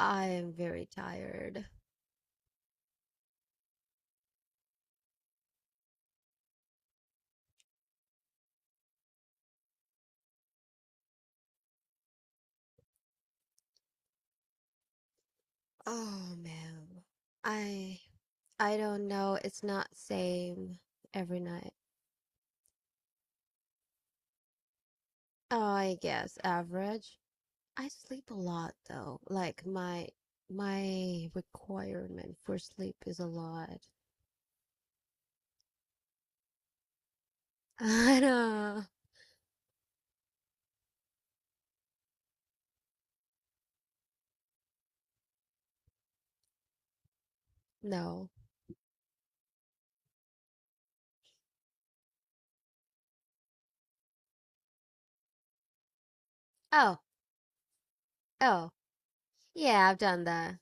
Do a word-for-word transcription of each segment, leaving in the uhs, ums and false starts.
I am very tired. Oh man. I I don't know. It's not same every night. Oh, I guess average. I sleep a lot though. Like my my requirement for sleep is a lot. I don't know. Oh, oh. Yeah, I've done that.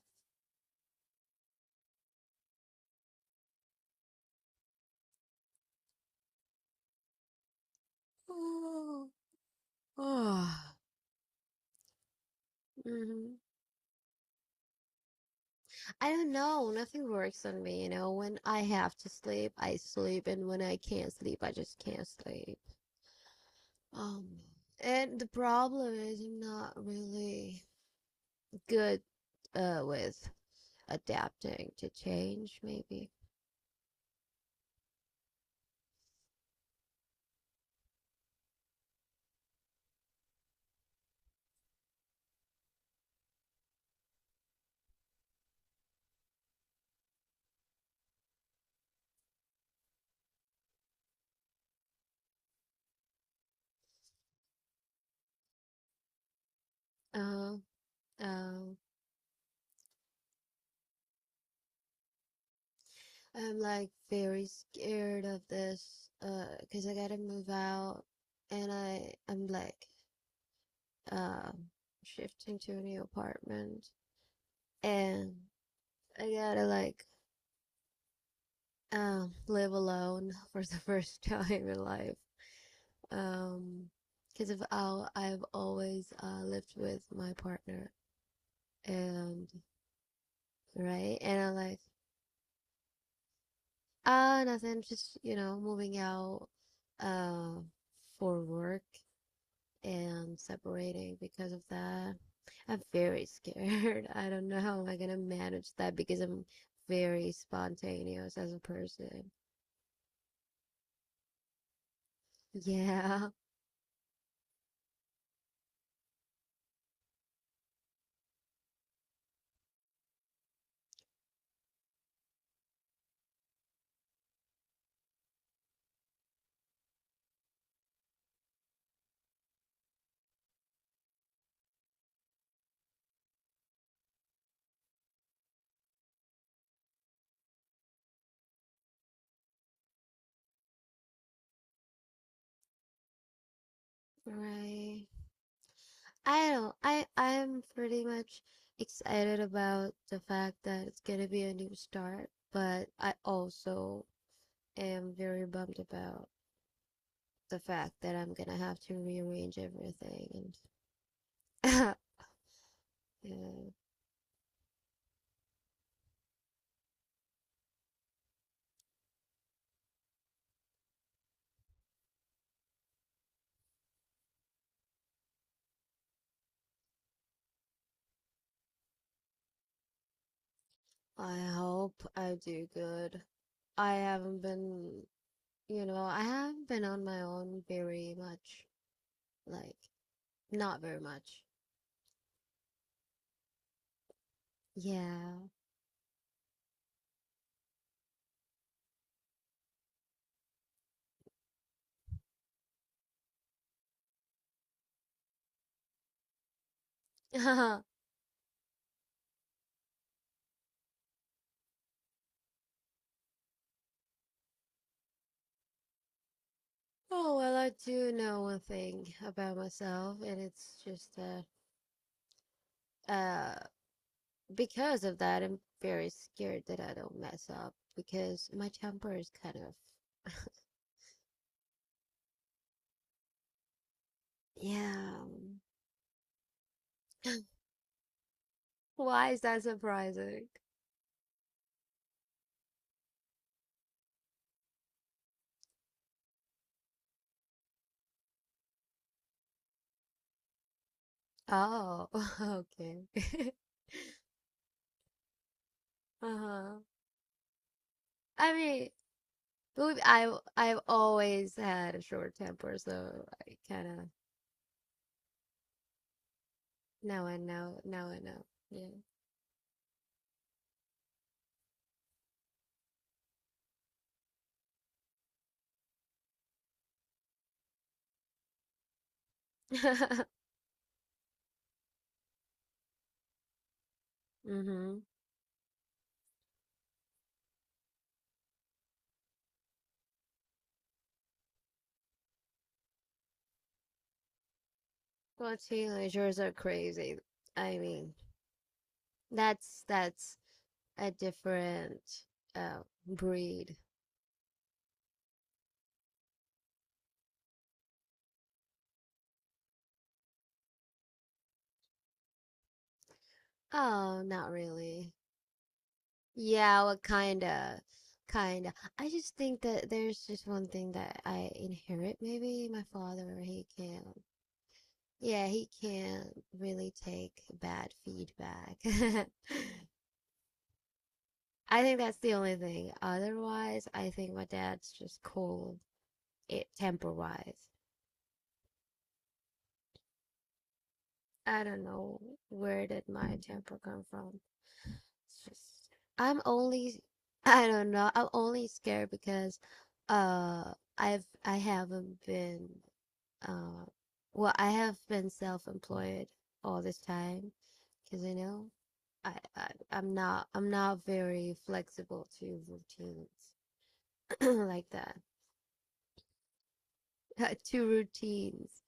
Oh, oh. Mhm. I don't know. Nothing works on me, you know. When I have to sleep, I sleep, and when I can't sleep, I just can't sleep. Um, and the problem is I'm not really good uh with adapting to change, maybe. Um, Uh, um, uh, I'm like very scared of this, Uh, because I gotta move out, and I I'm like um shifting to a new apartment, and I gotta like um, live alone for the first time in life. Um, because of how I've always uh, lived with my partner, and right, and I'm like, ah, uh, nothing, just you know, moving out, uh, for work and separating because of that. I'm very scared. I don't know how I am gonna manage that because I'm very spontaneous as a person. Yeah, right. I don't I I'm pretty much excited about the fact that it's gonna be a new start, but I also am very bummed about the fact that I'm gonna have to rearrange everything and yeah, I hope I do good. I haven't been, you know, I haven't been on my own very much, like not very much. Yeah. Oh, well, I do know one thing about myself, and it's just that uh, because of that, I'm very scared that I don't mess up because my temper is kind of. Yeah. Why is that surprising? Oh, okay. Uh-huh. I mean, believe- I've I've always had a short temper, so I kind of now I know, now I know. Yeah. Mm-hmm. Well, teenagers are crazy. I mean, that's that's a different uh breed. Oh, not really. Yeah, well, kinda, kinda. I just think that there's just one thing that I inherit. Maybe my father, he can't. Yeah, he can't really take bad feedback. I think that's the only thing. Otherwise, I think my dad's just cold, it temper-wise. I don't know where did my temper come from. It's just I'm only I don't know. I'm only scared because uh I've I haven't been uh well I have been self-employed all this time because you know I, I I'm not I'm not very flexible to routines like that to routines.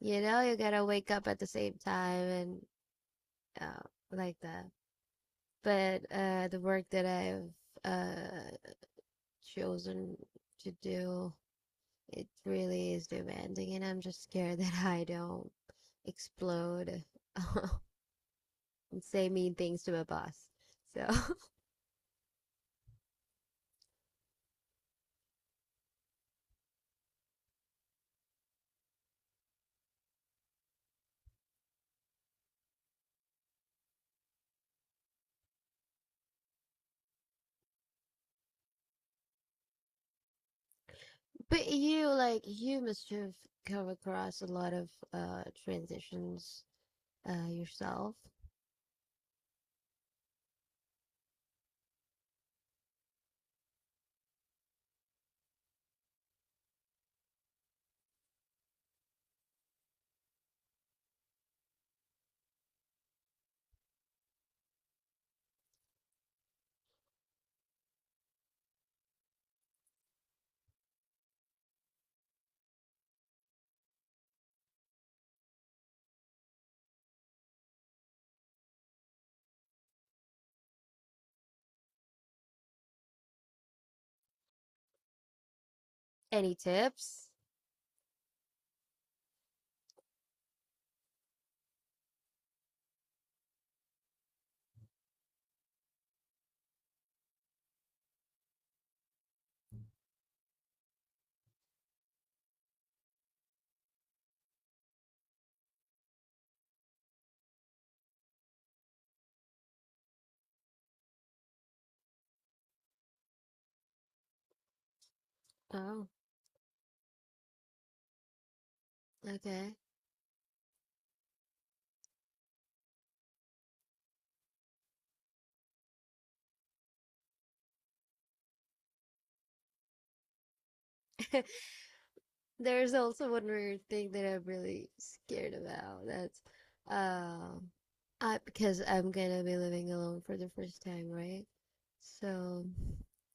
You know, you gotta wake up at the same time and uh, like that. But uh, the work that I've uh, chosen to do, it really is demanding, and I'm just scared that I don't explode and say mean things to my boss. So, but you like you must have come across a lot of uh, transitions uh, yourself. Any tips? Oh, okay. There's also one weird thing that I'm really scared about. That's um I because I'm gonna be living alone for the first time, right? So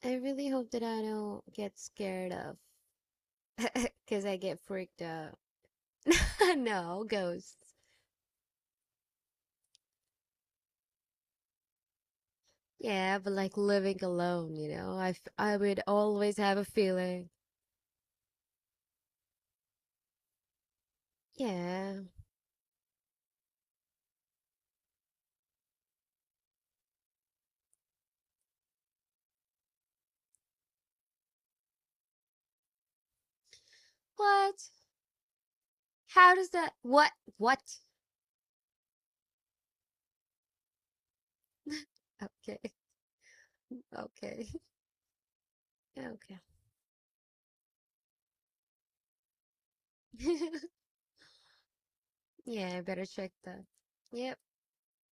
I really hope that I don't get scared of because I get freaked out. No, ghosts. Yeah, but like living alone, you know, I f- I would always have a feeling. Yeah. What? How does that? What? What? Okay. Okay. Okay. Yeah, I better check that. Yep.